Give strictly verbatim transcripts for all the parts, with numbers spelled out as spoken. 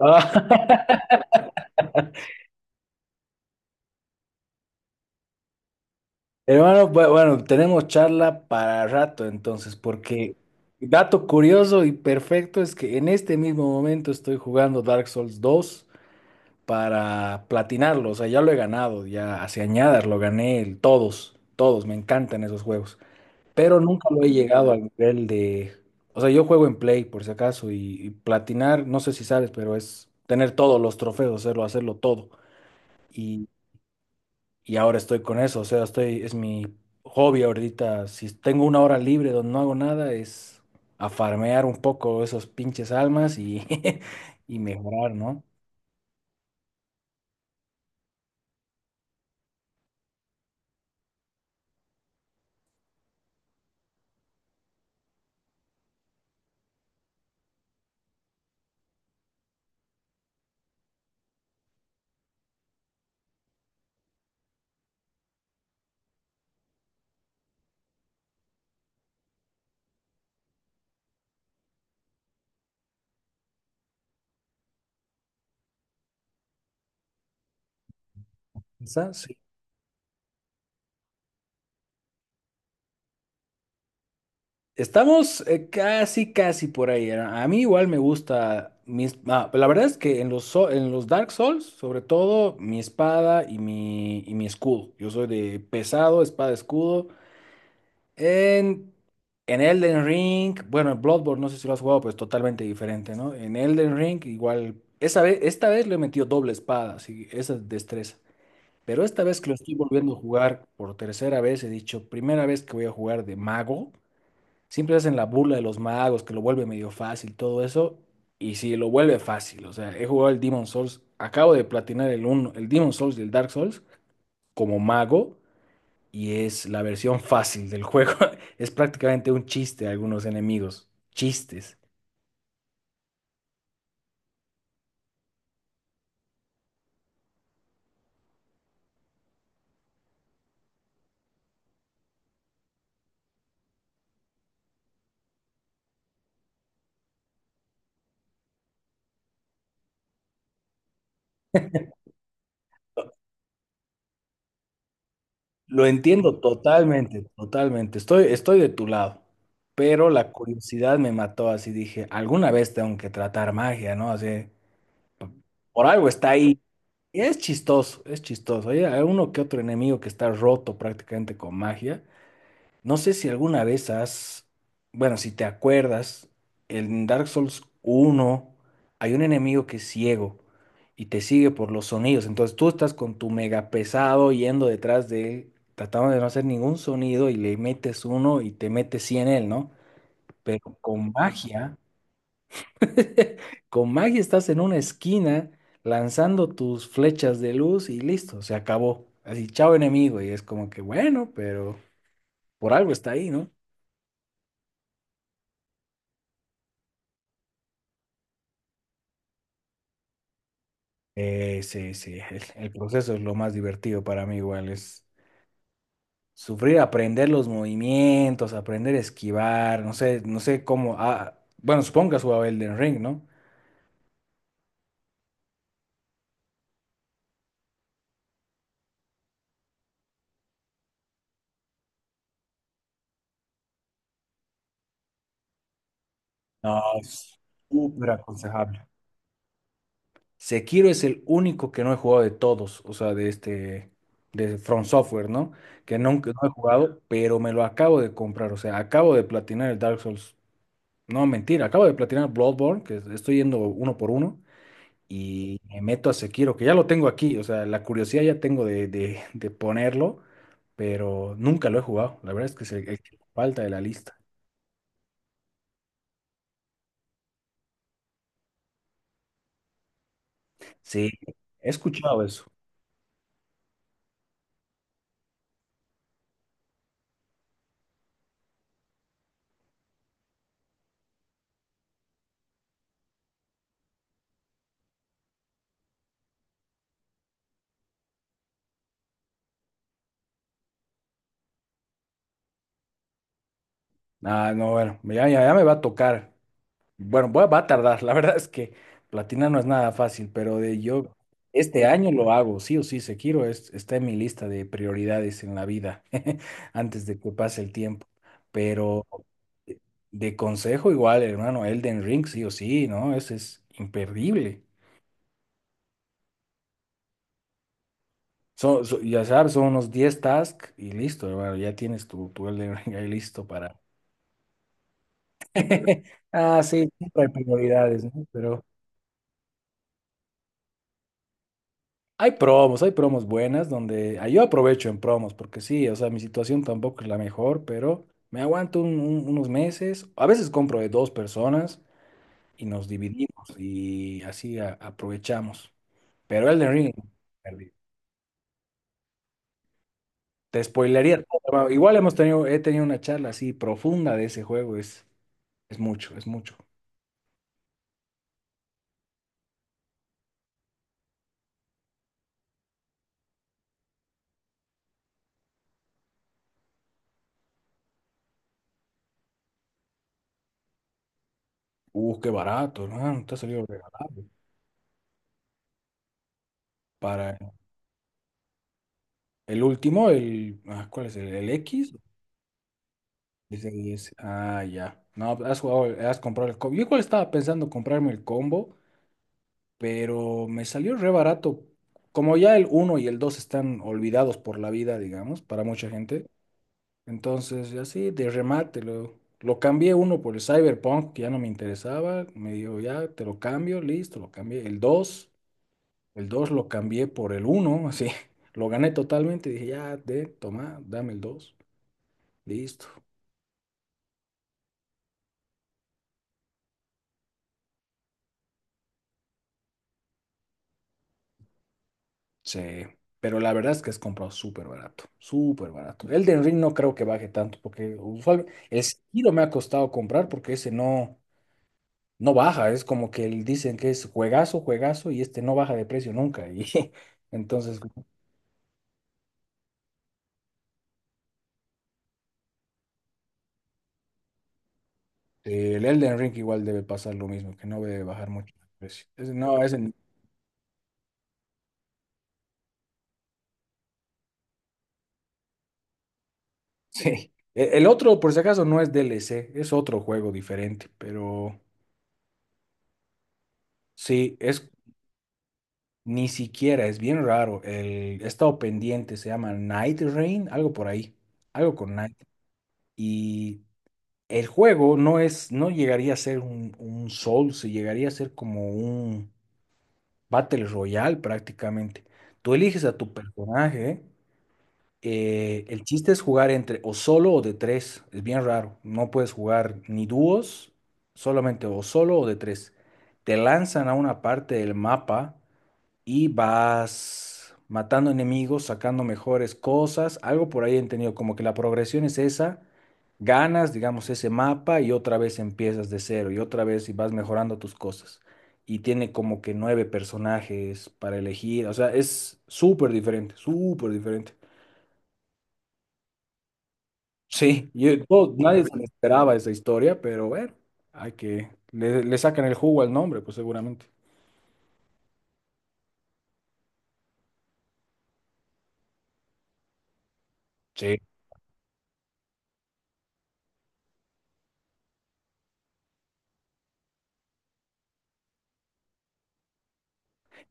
Ah, hermano, bu- bueno, tenemos charla para rato entonces, porque dato curioso y perfecto es que en este mismo momento estoy jugando Dark Souls dos para platinarlo, o sea, ya lo he ganado, ya hace añadas lo gané, el- todos, todos, me encantan esos juegos, pero nunca lo he llegado al nivel de, o sea, yo juego en Play por si acaso y, y platinar, no sé si sabes, pero es tener todos los trofeos, hacerlo, hacerlo todo. Y ahora estoy con eso, o sea, estoy, es mi hobby ahorita, si tengo una hora libre donde no hago nada, es a farmear un poco esos pinches almas y, y mejorar, ¿no? Esa, sí. Estamos eh, casi, casi por ahí. A a mí igual me gusta mis... ah, la verdad es que en los, so- en los Dark Souls, sobre todo, mi espada y mi, y mi escudo. Yo soy de pesado, espada, escudo. En, en Elden Ring, bueno, en Bloodborne, no sé si lo has jugado, pues totalmente diferente, ¿no? En Elden Ring, igual, esa vez, esta vez le he metido doble espada, así, esa destreza. Pero esta vez que lo estoy volviendo a jugar por tercera vez, he dicho, primera vez que voy a jugar de mago, siempre hacen la burla de los magos, que lo vuelve medio fácil, todo eso, y sí, lo vuelve fácil, o sea, he jugado el Demon Souls, acabo de platinar el uno el Demon Souls y el Dark Souls como mago y es la versión fácil del juego. Es prácticamente un chiste a algunos enemigos. Chistes. Lo entiendo totalmente, totalmente. Estoy, estoy de tu lado. Pero la curiosidad me mató, así dije, alguna vez tengo que tratar magia, ¿no? Así, por algo está ahí. Y es chistoso, es chistoso. Hay hay uno que otro enemigo que está roto prácticamente con magia. No sé si alguna vez has, bueno, si te acuerdas, en Dark Souls uno hay un enemigo que es ciego y te sigue por los sonidos. Entonces tú estás con tu mega pesado yendo detrás de él, tratando de no hacer ningún sonido y le metes uno y te metes cien en él, ¿no? Pero con magia, con magia estás en una esquina lanzando tus flechas de luz y listo, se acabó. Así, chao enemigo. Y es como que, bueno, pero por algo está ahí, ¿no? Eh, sí, sí, el, el proceso es lo más divertido para mí igual, es sufrir, aprender los movimientos, aprender a esquivar, no sé, no sé cómo, ah, bueno, supongo que has jugado Elden Ring, ¿no? No, es súper aconsejable. Sekiro es el único que no he jugado de todos, o sea, de este, de From Software, ¿no? Que nunca no he jugado, pero me lo acabo de comprar, o sea, acabo de platinar el Dark Souls, no, mentira, acabo de platinar Bloodborne, que estoy yendo uno por uno. Y me meto a Sekiro, que ya lo tengo aquí, o sea, la curiosidad ya tengo de, de- de ponerlo, pero nunca lo he jugado. La verdad es que es el, el que falta de la lista. Sí, he escuchado eso. Ah, no, bueno, ya, ya, ya me va a tocar. Bueno, voy a- va a tardar. La verdad es que platinar no es nada fácil, pero de yo este año lo hago, sí o sí, Sekiro es, está en mi lista de prioridades en la vida, antes de que pase el tiempo. Pero de consejo igual, hermano, Elden Ring, sí o sí, ¿no? Ese es imperdible. So, so- ya sabes, son unos diez tasks y listo, hermano, ya tienes tu, tu Elden Ring ahí listo para... Ah, sí, siempre hay prioridades, ¿no? Pero hay promos, hay promos buenas donde... ah, yo aprovecho en promos porque sí, o sea, mi situación tampoco es la mejor, pero me aguanto un- un- unos meses. A veces compro de dos personas y nos dividimos y así a- aprovechamos. Pero Elden Ring... Te spoilearía todo. Igual hemos tenido, he tenido una charla así profunda de ese juego. Es, es mucho, es mucho. Uh, qué barato, ¿no? Te ha salido regalado. Para el último, el, ah, ¿cuál es? ¿El, el X? Es el S. Ah, ya. No, has jugado, has comprado el combo. Yo igual estaba pensando comprarme el combo, pero me salió re barato. Como ya el uno y el dos están olvidados por la vida, digamos, para mucha gente, entonces, así de remate, lo, lo cambié uno por el Cyberpunk, que ya no me interesaba. Me dijo, ya te lo cambio, listo, lo cambié. El dos el dos lo cambié por el uno así. Lo gané totalmente. Dije, ya, de, toma, dame el dos listo. Sí, pero la verdad es que es comprado súper barato, súper barato. El de Ring no creo que baje tanto, porque usualmente el Sekiro me ha costado comprar porque ese no. No baja, es como que el- dicen que es juegazo, juegazo, y este no baja de precio nunca. Y entonces, Eh, el Elden Ring igual debe pasar lo mismo, que no debe bajar mucho el precio. Ese no, ese, n- sí. E- el otro, por si acaso, no es D L C, es otro juego diferente, pero sí, es ni siquiera, es bien raro. El, he estado pendiente, se llama Night Rain, algo por ahí, algo con Night. Y el juego no es, no llegaría a ser un, un Souls, llegaría a ser como un Battle Royale prácticamente. Tú eliges a tu personaje eh, el chiste es jugar entre o solo o de tres. Es bien raro. No puedes jugar ni dúos, solamente o solo o de tres. Te lanzan a una parte del mapa y vas matando enemigos, sacando mejores cosas. Algo por ahí he entendido, como que la progresión es esa. Ganas, digamos, ese mapa y otra vez empiezas de cero y otra vez y vas mejorando tus cosas. Y tiene como que nueve personajes para elegir. O sea, es súper diferente, súper diferente. Sí, yo- todo- nadie se le esperaba esa historia, pero bueno, hay que, le, le sacan el jugo al nombre, pues seguramente. Sí,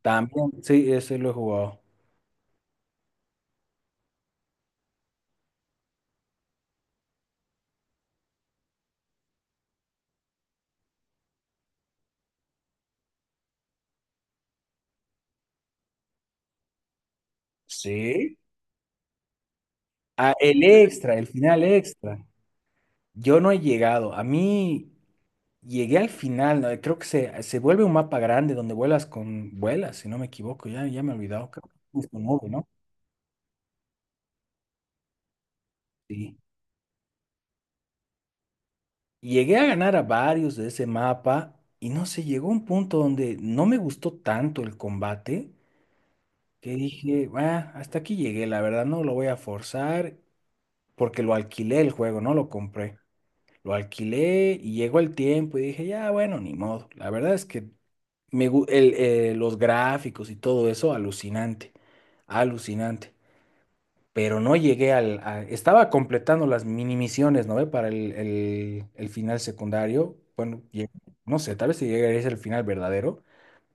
también, sí, ese lo he jugado. Sí. Ah, el extra, el final extra. Yo no he llegado. A mí llegué al final, ¿no? Creo que se, se vuelve un mapa grande donde vuelas con vuelas, si no me equivoco. Ya, ya me he olvidado. Creo que es con nube, ¿no? Sí. Llegué a ganar a varios de ese mapa y no sé, llegó un punto donde no me gustó tanto el combate que dije, va, hasta aquí llegué, la verdad, no lo voy a forzar porque lo alquilé el juego, no lo compré. Lo alquilé y llegó el tiempo y dije, ya, bueno, ni modo. La verdad es que me, gu- el, eh, los gráficos y todo eso, alucinante, alucinante. Pero no llegué al... a- estaba completando las mini misiones, ¿no ve? Para el, el- el final secundario. Bueno, llegué- no sé, tal vez si llegaría a ser el final verdadero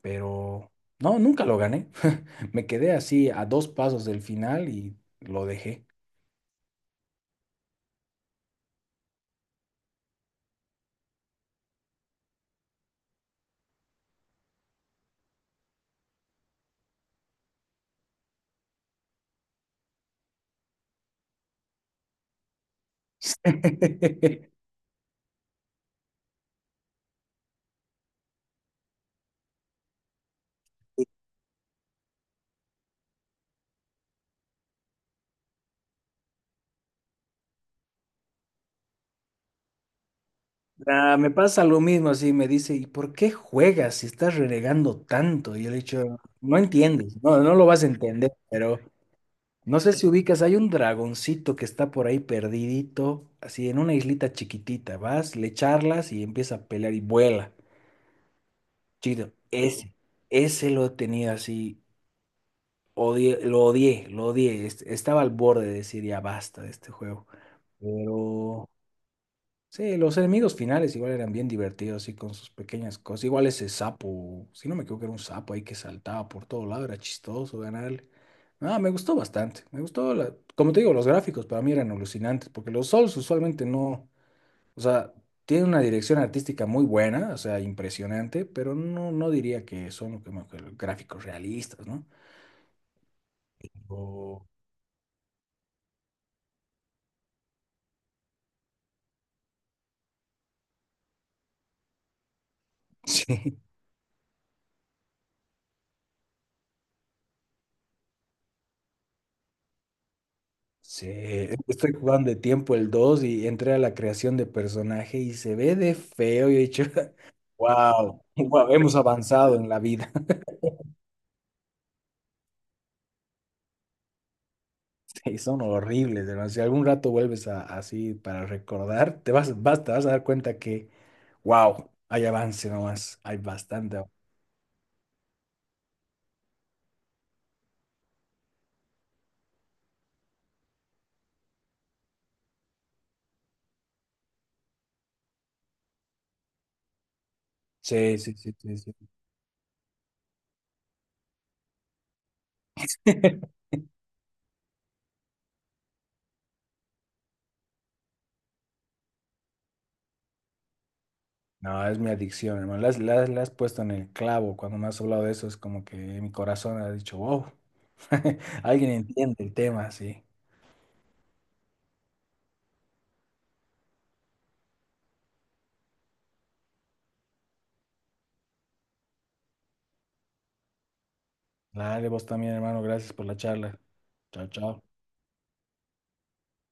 pero no, nunca lo gané. Me quedé así a dos pasos del final y lo dejé. Ah, me pasa lo mismo, así me dice, ¿y por qué juegas si estás renegando tanto? Y yo le he dicho, no entiendes, no, no lo vas a entender, pero no sé si ubicas, hay un dragoncito que está por ahí perdidito, así en una islita chiquitita, vas, le charlas y empieza a pelear y vuela. Chido, ese, ese lo he tenido así. Odié, lo odié, lo odié. Est- Estaba al borde de decir ya basta de este juego. Pero sí, los enemigos finales igual eran bien divertidos y con sus pequeñas cosas. Igual ese sapo, si no me equivoco, era un sapo ahí que saltaba por todo lado, era chistoso ganarle. Ah, me gustó bastante. Me gustó, la- como te digo, los gráficos para mí eran alucinantes, porque los Souls usualmente no, o sea, tienen una dirección artística muy buena, o sea, impresionante, pero no, no diría que son como que gráficos realistas, ¿no? O- sí. Sí, estoy jugando de tiempo el dos y entré a la creación de personaje y se ve de feo. Y he dicho, wow, wow, hemos avanzado en la vida. Sí, son horribles, hermano. Si algún rato vuelves a- así para recordar, te vas, vas, te vas a dar cuenta que, wow, hay avance nomás, hay bastante avance". Sí, sí, sí, sí, sí. No, es mi adicción, hermano. La has, la has- la has puesto en el clavo. Cuando me has hablado de eso, es como que mi corazón ha dicho, wow, alguien entiende el tema, sí. Dale, vos también, hermano. Gracias por la charla. Chao, chao.